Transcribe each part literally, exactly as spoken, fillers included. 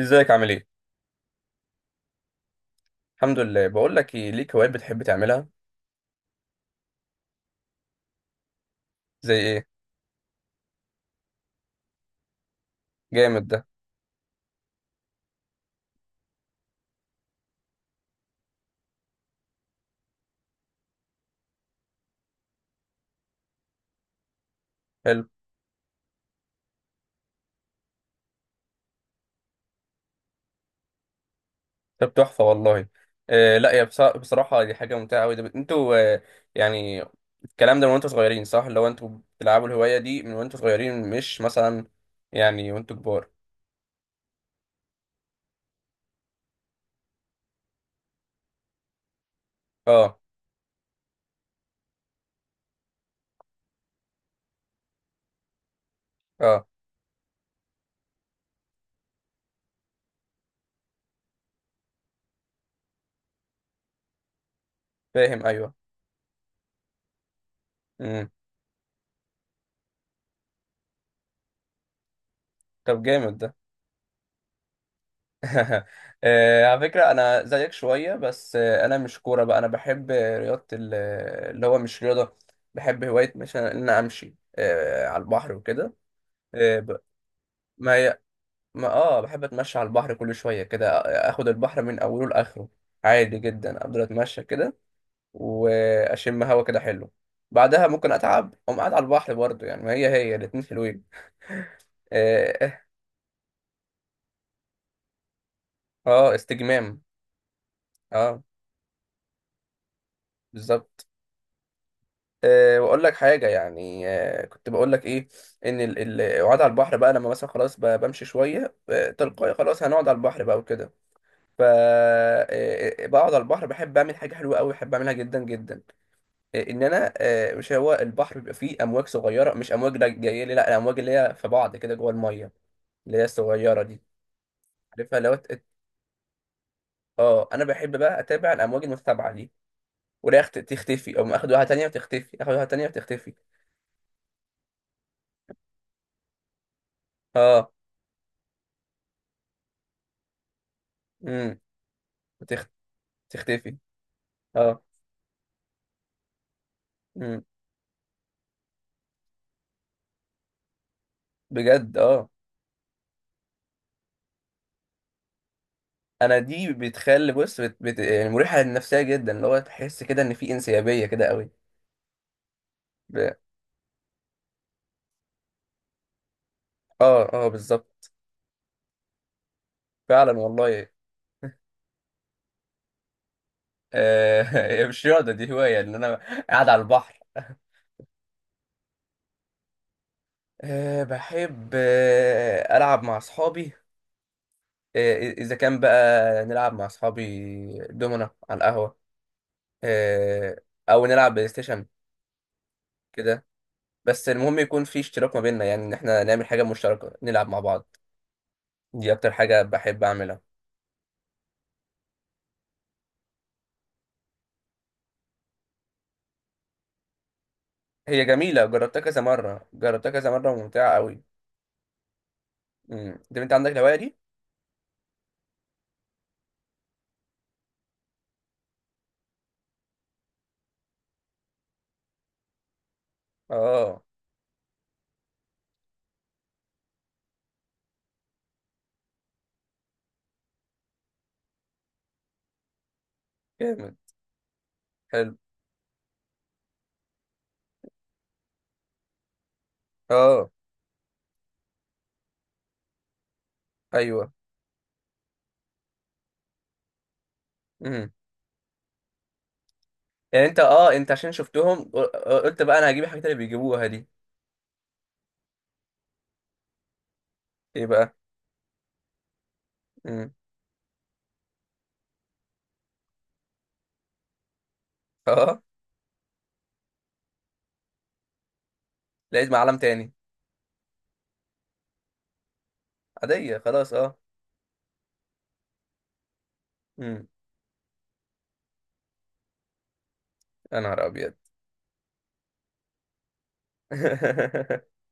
ازيك عامل ايه؟ الحمد لله. بقول لك ايه، ليك هوايات بتحب تعملها؟ زي ايه؟ جامد ده. حلو. طب تحفة والله. آه، لا، يا بص- بصراحة دي حاجة ممتعة قوي. ده بت- انتوا آه يعني الكلام ده من وانتوا صغيرين، صح؟ لو انتوا بتلعبوا الهواية دي من وانتوا صغيرين، مش مثلا يعني وانتوا كبار. اه، اه. فاهم. ايوه. امم. طب جامد ده. آه، على فكرة أنا زيك شوية، بس آه، أنا مش كورة بقى. أنا بحب رياضة ال- اللي هو مش رياضة. بحب هواية مثلا إن أنا أمشي آه، على البحر وكده. آه، ب- ما هي. ما آه بحب أتمشى على البحر كل شوية كده. آخد البحر من أوله لآخره. عادي جدا، أفضل أتمشى كده وأشم هوا كده حلو. بعدها ممكن أتعب، أقوم قاعد على البحر برضه. يعني ما هي هي الاتنين حلوين. آه، آه. آه، استجمام. آه. بالظبط. أه واقول لك حاجه. يعني أه كنت بقول لك ايه، ان ال- ال- القعاد على البحر بقى، لما مثلا خلاص ب- بمشي شويه أه تلقائي، خلاص هنقعد على البحر بقى وكده. ف أه آه، بقعد على البحر، بحب اعمل حاجه حلوه قوي، بحب اعملها جدا جدا. أه ان انا أه مش هو البحر بيبقى فيه امواج صغيره، مش امواج لا جايه لي، لا الامواج اللي هي في بعض كده جوه الميه. اللي هي الصغيره دي. عارفها لو ات- اه، انا بحب بقى اتابع الامواج المتتابعه دي، ولا تختفي او اخد واحده تانية وتختفي، اخد واحده تانية وتختفي. اه. امم. تختفي. اه. مم. بجد، اه. انا دي بتخلي بص بت... بت... يعني مريحه للنفسيه جدا، اللي هو تحس كده ان في انسيابيه كده قوي. ب... اه، اه، بالظبط. فعلا والله. آه... هي مش رياضه، دي هوايه ان انا قاعد على البحر. أه بحب أه ألعب مع أصحابي. أه إذا كان بقى نلعب مع أصحابي، دومنا على القهوة. أه. أو نلعب بلاي ستيشن كده. بس المهم يكون في اشتراك ما بيننا، يعني إن إحنا نعمل حاجة مشتركة نلعب مع بعض. دي اكتر حاجة بحب اعملها. هي جميلة، جربتها كذا مرة، جربتها كذا مرة، وممتعة قوي. امم. طب انت عندك الهواية دي؟ اه، جامد. حلو. اه. ايوه. امم. يعني انت اه انت عشان شفتهم، قل- قلت بقى انا هجيب الحاجات اللي بيجيبوها دي. ايه بقى؟ امم. اه، لقيت معلم تاني. عادية خلاص، اه. امم. يا نهار ابيض!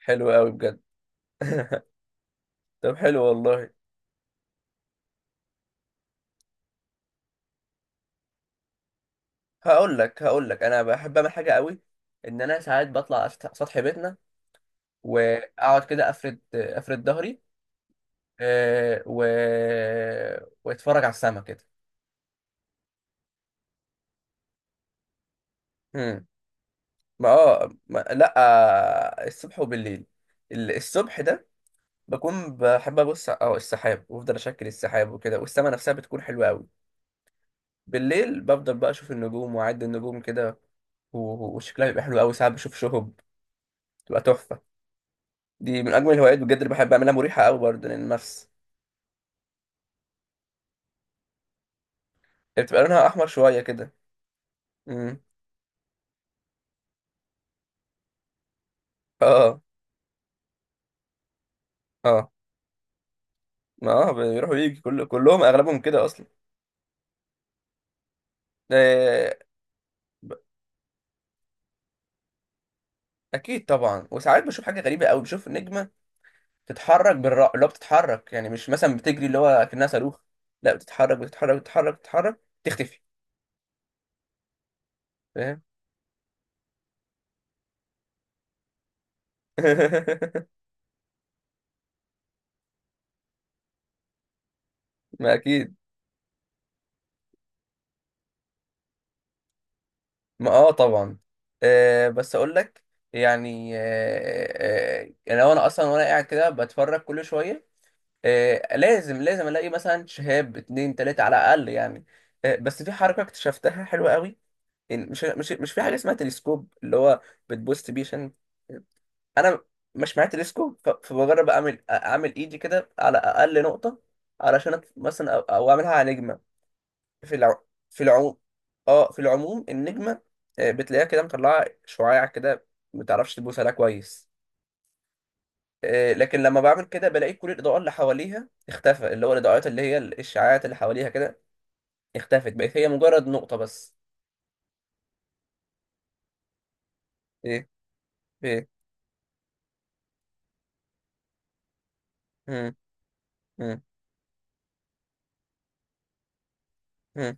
حلو قوي بجد. طب حلو والله. هقول لك هقول لك انا بحب اعمل حاجة قوي. ان انا ساعات بطلع على سطح سطح بيتنا، واقعد كده افرد افرد ظهري، آه، و... واتفرج على السما كده. امم. ما اه ما، لا. آه، الصبح وبالليل. ال- الصبح ده بكون بحب ابص اه السحاب، وافضل اشكل السحاب وكده، والسما نفسها بتكون حلوه قوي. بالليل بفضل بقى اشوف النجوم، واعد النجوم كده، و- و- وشكلها بيبقى حلو قوي. ساعات بشوف شهب، بتبقى تحفه. دي من اجمل الهوايات بجد اللي بحب اعملها، مريحه قوي برضه للنفس. هي بتبقى لونها احمر شويه كده. امم. اه، اه، اه، بيروح ويجي، كل كلهم اغلبهم كده اصلا. آه، ب- اكيد طبعا. وساعات بشوف حاجه غريبه قوي، بشوف نجمه تتحرك بالرا اللي هو بتتحرك، يعني مش مثلا بتجري اللي هو كأنها صاروخ. لا، بتتحرك بتتحرك بتتحرك بتتحرك، تختفي. فاهم. ما اكيد. ما اه طبعا. آه بس اقول لك، يعني آه آه يعني لو انا اصلا وانا قاعد كده بتفرج كل شويه، آه لازم لازم الاقي مثلا شهاب اتنين تلاته على الاقل، يعني. آه بس في حركه اكتشفتها حلوه قوي. يعني مش مش مش في حاجه اسمها تلسكوب، اللي هو بتبوست بيه عشان انا مش معايا تلسكوب. ف- فبجرب اعمل اعمل ايدي كده على اقل نقطه، علشان أت- مثلا، أو, او اعملها على نجمه. في الع... في العموم. اه، في العموم النجمه آه، بتلاقيها كده مطلعه شعاع كده، ما تعرفش تبوس عليها كويس. آه، لكن لما بعمل كده بلاقي كل الاضاءه اللي حواليها اختفى، اللي هو الاضاءات اللي هي الاشعاعات اللي حواليها كده، اختفت، بقت هي مجرد نقطه بس. ايه؟ ايه؟ امم. امم. امم.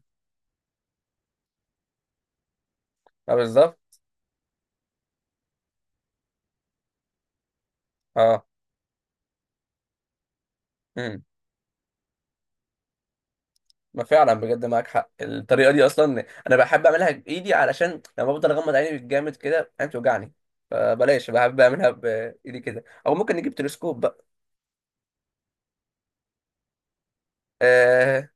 آه، بالظبط. اه. امم. ما فعلا، بجد معاك حق. الطريقه دي اصلا انا بحب اعملها بايدي، علشان لما بفضل اغمض عيني بالجامد كده عيني بتوجعني، فبلاش. بحب اعملها بايدي كده، او ممكن نجيب تلسكوب بقى. آه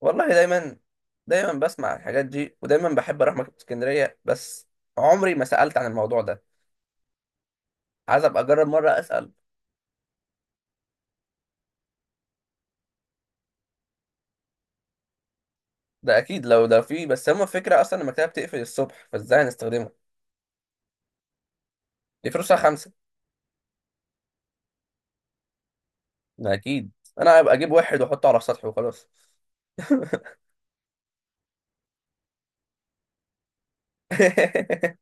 والله دايما. دايما بسمع الحاجات دي، ودايما بحب اروح مكتبه اسكندريه، بس عمري ما سالت عن الموضوع ده. عايز ابقى اجرب مره اسال. ده اكيد لو ده فيه، بس هما فكره اصلا المكتبه بتقفل الصبح، فازاي هنستخدمها؟ دي فلوسها خمسه. ده اكيد. انا هبقى اجيب واحد واحطه على السطح وخلاص.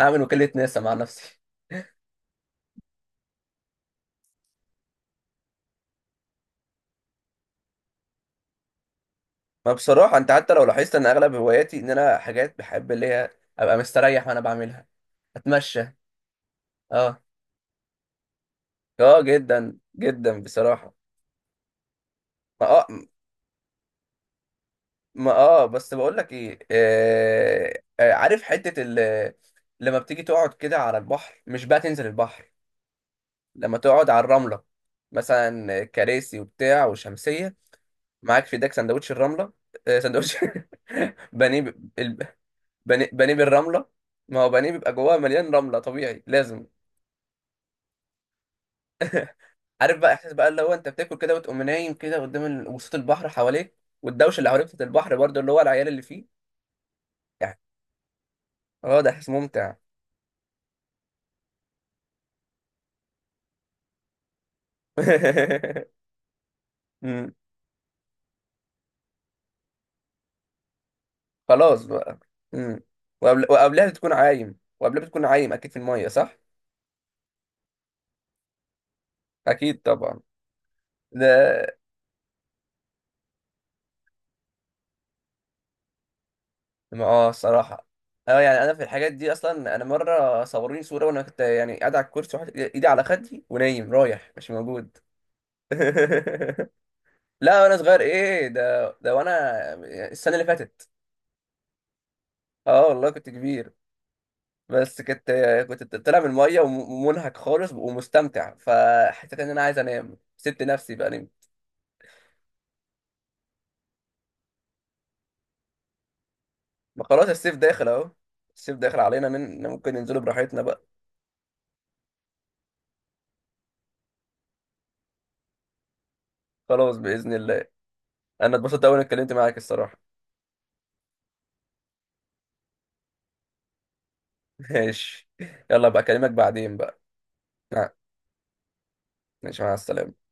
اعمل وكالة ناسا مع نفسي. ما بصراحة انت حتى لو لاحظت ان اغلب هواياتي، ان انا حاجات بحب اللي هي ابقى مستريح وانا بعملها. اتمشى. اه، اه، جدا جدا بصراحة. ما اه ما اه بس بقول لك ايه. آه آه، عارف حتة ال- لما بتيجي تقعد كده على البحر، مش بقى تنزل البحر. لما تقعد على الرملة، مثلا كراسي وبتاع وشمسية، معاك في ايدك سندوتش الرملة. آه، سندوتش. بانيه. بانيه، بانيه بالرمله. ما هو بانيه بيبقى جواه مليان رمله، طبيعي لازم. عارف بقى احساس بقى، اللي هو انت بتاكل كده وتقوم نايم كده قدام ال- وصوت البحر حواليك، والدوشه اللي حواليك بتاعت البحر برضه اللي هو العيال اللي فيه، يعني. اه، ده احساس ممتع. مم. خلاص بقى. مم. وقبل... وقبلها بتكون عايم، وقبلها بتكون عايم، اكيد في الميه، صح؟ اكيد طبعا. ده. ما اه الصراحه. اه، يعني انا في الحاجات دي، اصلا انا مره صوروني صوره، وانا كنت يعني قاعد على الكرسي، واحد ايدي على خدي ونايم، رايح مش موجود. لا، وانا صغير ايه، ده ده وانا السنه اللي فاتت. اه والله، كنت كبير. بس كنت كنت طالع من الميه، ومنهك خالص ومستمتع، فحسيت ان انا عايز انام، سبت نفسي بقى نمت. ما خلاص، الصيف داخل اهو. الصيف داخل علينا، نن- ممكن ننزله براحتنا بقى. خلاص باذن الله. انا اتبسطت قوي اني اتكلمت معاك، الصراحه. ماشي. يلا بقى، اكلمك بعدين بقى. مع- ماشي، مع السلامه.